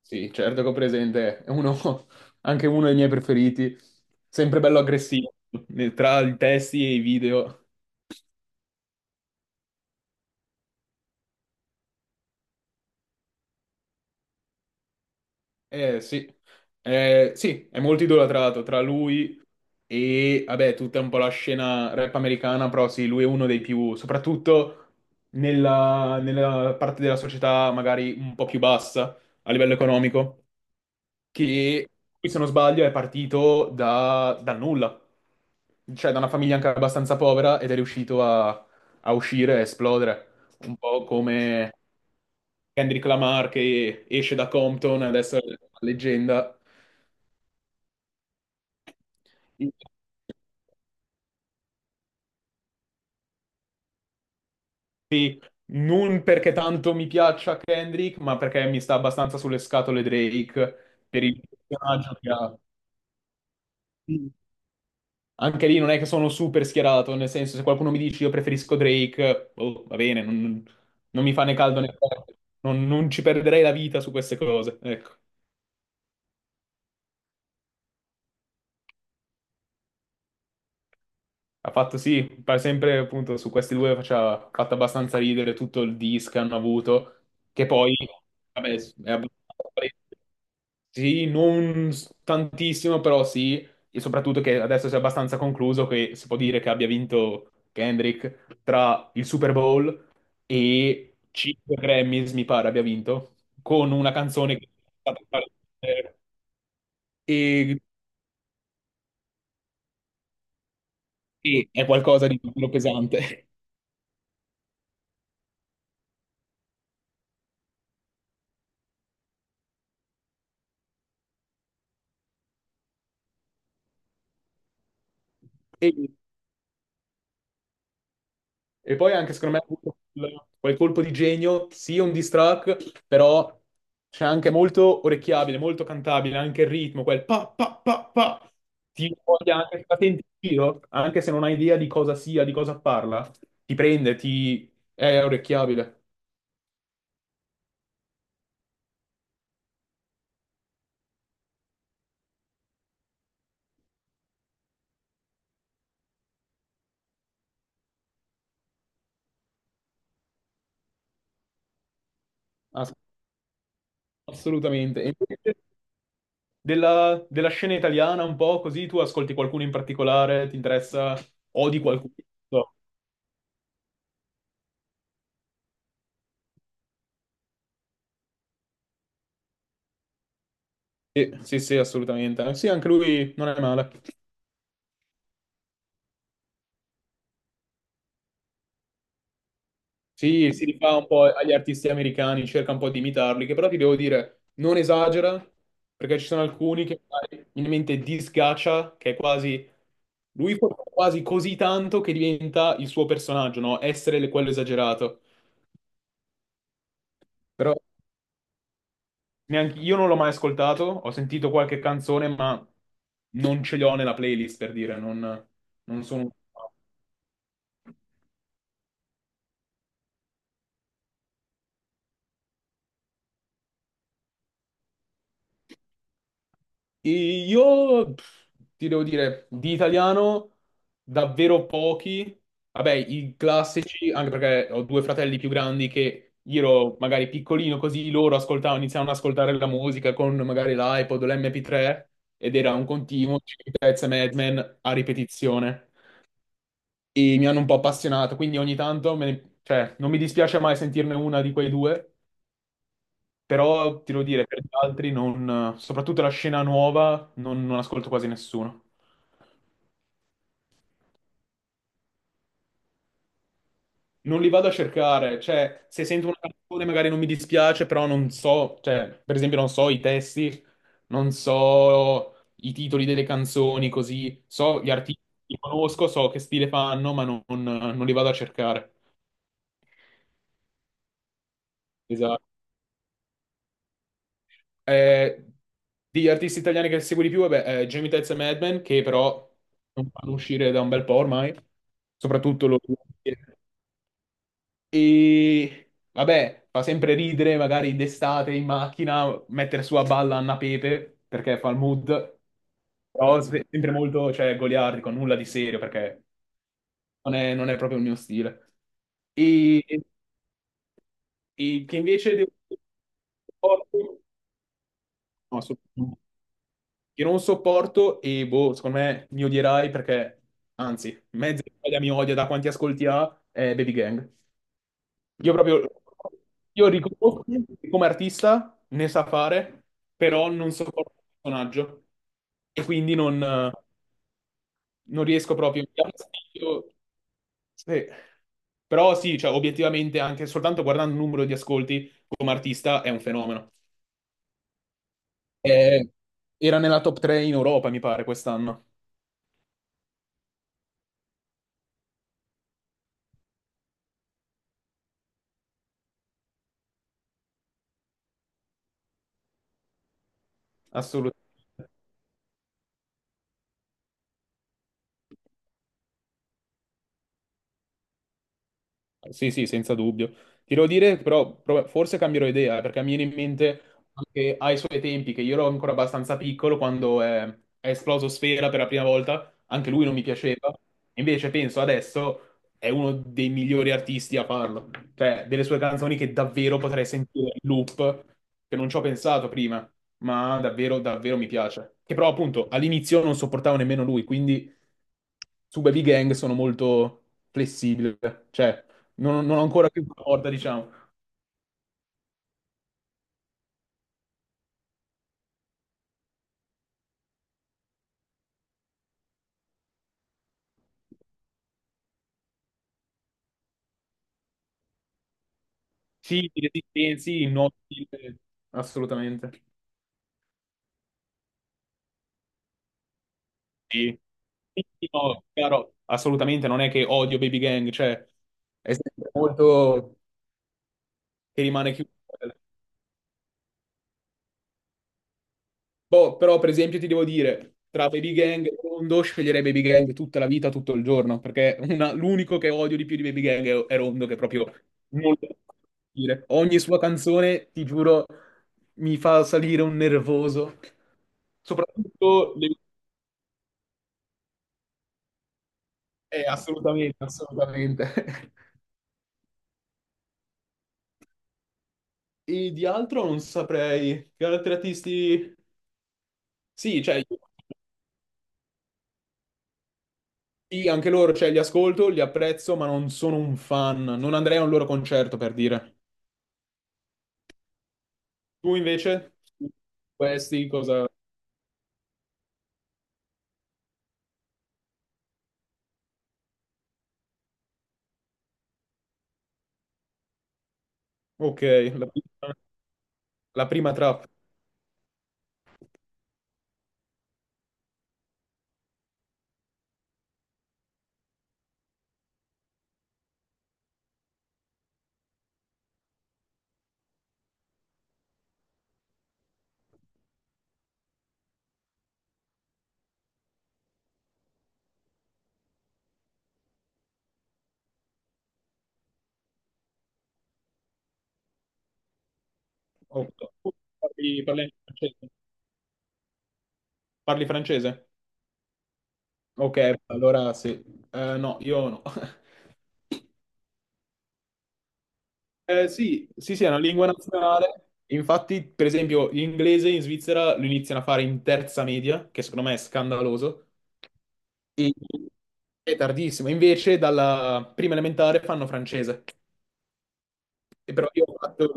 Sì, certo che ho presente, è uno, anche uno dei miei preferiti, sempre bello aggressivo, tra i testi e i video. Eh sì, Eh, sì, è molto idolatrato tra lui e, vabbè, tutta un po' la scena rap americana, però sì, lui è uno dei più, soprattutto nella parte della società magari un po' più bassa a livello economico. Che, lui, se non sbaglio, è partito dal nulla, cioè da una famiglia anche abbastanza povera ed è riuscito a uscire e esplodere, un po' come Kendrick Lamar che esce da Compton, adesso è una leggenda. Sì, non perché tanto mi piaccia Kendrick, ma perché mi sta abbastanza sulle scatole Drake per il personaggio che ha. Anche lì non è che sono super schierato, nel senso se qualcuno mi dice io preferisco Drake, oh, va bene, non, non, mi fa né caldo né forte, non ci perderei la vita su queste cose, ecco. Ha fatto sì, pare sempre appunto su questi due faceva, ha fatto abbastanza ridere tutto il dis che hanno avuto, che poi, vabbè, è abbastanza. Sì, non tantissimo, però sì, e soprattutto che adesso si è abbastanza concluso che si può dire che abbia vinto Kendrick tra il Super Bowl e 5 Grammys, mi pare abbia vinto, con una canzone che è stata e, e è qualcosa di più pesante. E E poi anche secondo me ha avuto quel colpo di genio, sì, un diss track, però c'è anche molto orecchiabile, molto cantabile, anche il ritmo, quel pa pa pa pa, ti voglia anche se la senti in giro, anche se non hai idea di cosa sia, di cosa parla, ti prende, ti... è orecchiabile, ass- assolutamente. E invece della scena italiana un po' così, tu ascolti qualcuno in particolare, ti interessa, odi qualcuno? No. Sì, sì, sì, assolutamente. Sì, anche lui non è male. Sì, si rifà un po' agli artisti americani, cerca un po' di imitarli, che però ti devo dire, non esagera, perché ci sono alcuni che magari, in mente disgaccia, che è quasi... Lui fa quasi così tanto che diventa il suo personaggio, no? Essere quello esagerato. Però neanche io non l'ho mai ascoltato, ho sentito qualche canzone, ma non ce l'ho nella playlist, per dire, non sono... E io pff, ti devo dire, di italiano davvero pochi. Vabbè, i classici, anche perché ho due fratelli più grandi che io ero magari piccolino, così loro ascoltavano, iniziavano ad ascoltare la musica con magari l'iPod o l'MP3 ed era un continuo Chili Pezzi e Mad Men a ripetizione. E mi hanno un po' appassionato, quindi ogni tanto cioè, non mi dispiace mai sentirne una di quei due. Però ti devo dire, per gli altri, non, soprattutto la scena nuova, non ascolto quasi nessuno. Non li vado a cercare, cioè, se sento una canzone magari non mi dispiace, però non so, cioè, per esempio non so i testi, non so i titoli delle canzoni, così, so gli artisti, li conosco, so che stile fanno, ma non li vado a cercare. Esatto. Eh, degli artisti italiani che segui di più, vabbè, Jamie Tezza e Mad Men, che però non fanno uscire da un bel po' ormai, soprattutto lo... E vabbè, fa sempre ridere, magari d'estate in macchina, mettere su a balla Anna Pepe, perché fa il mood, però sempre molto, cioè, goliardico, nulla di serio, perché non è proprio il mio stile. E, e che invece... No, assolutamente. Io non sopporto e boh, secondo me mi odierai perché, anzi, mezza Italia mi odia da quanti ascolti ha, è Baby Gang. Io proprio, io riconosco che come artista ne sa fare, però non sopporto il personaggio e quindi non riesco proprio. Mi dà fastidio. Sì. Però sì, cioè, obiettivamente anche soltanto guardando il numero di ascolti come artista è un fenomeno. Eh, era nella top 3 in Europa, mi pare, quest'anno. Assolutamente. Sì, sì, senza dubbio. Ti devo dire, però, forse cambierò idea, perché mi viene in mente anche ai suoi tempi, che io ero ancora abbastanza piccolo, quando è esploso Sfera per la prima volta, anche lui non mi piaceva. Invece penso adesso è uno dei migliori artisti a farlo. Cioè, delle sue canzoni che davvero potrei sentire in loop, che non ci ho pensato prima, ma davvero, davvero mi piace. Che però, appunto, all'inizio non sopportavo nemmeno lui, quindi su Baby Gang sono molto flessibile, cioè non ho ancora più la porta, diciamo. Sì, i resistenzi, il no, stile, assolutamente. Sì. Sì, sì, no, chiaro, assolutamente, non è che odio Baby Gang, cioè è sempre molto che rimane chiuso. Boh, però per esempio ti devo dire, tra Baby Gang e Rondo sceglierei Baby Gang tutta la vita, tutto il giorno, perché l'unico che odio di più di Baby Gang è Rondo, che proprio non lo posso dire. Ogni sua canzone, ti giuro, mi fa salire un nervoso. Soprattutto le... assolutamente, assolutamente. E di altro non saprei. Che altri artisti... Sì, cioè, sì, anche loro, cioè, li ascolto, li apprezzo, ma non sono un fan. Non andrei a un loro concerto, per dire. Tu invece, questi cosa... Ok, la prima, la prima trappola. Ok. Parli francese? Parli francese? Ok, allora sì. No, io no. Sì, sì, sì, è una lingua nazionale. Infatti, per esempio, l'inglese in Svizzera lo iniziano a fare in terza media, che secondo me è scandaloso. E è tardissimo. Invece, dalla prima elementare fanno francese. E però io ho fatto...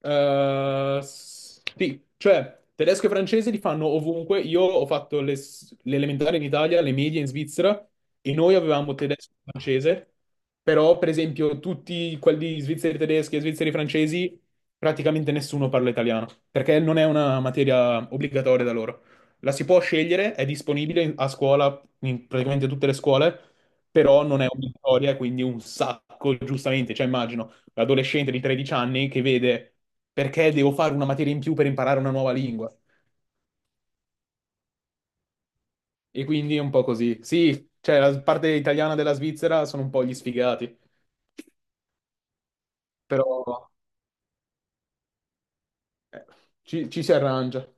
Sì, cioè tedesco e francese li fanno ovunque. Io ho fatto le elementari in Italia, le medie in Svizzera e noi avevamo tedesco e francese, però per esempio tutti quelli svizzeri tedeschi e svizzeri francesi praticamente nessuno parla italiano perché non è una materia obbligatoria da loro. La si può scegliere, è disponibile a scuola, in praticamente tutte le scuole, però non è obbligatoria, quindi un sacco, giustamente, cioè immagino l'adolescente di 13 anni che vede perché devo fare una materia in più per imparare una nuova lingua. E quindi è un po' così. Sì, cioè la parte italiana della Svizzera sono un po' gli sfigati, però eh, ci si arrangia.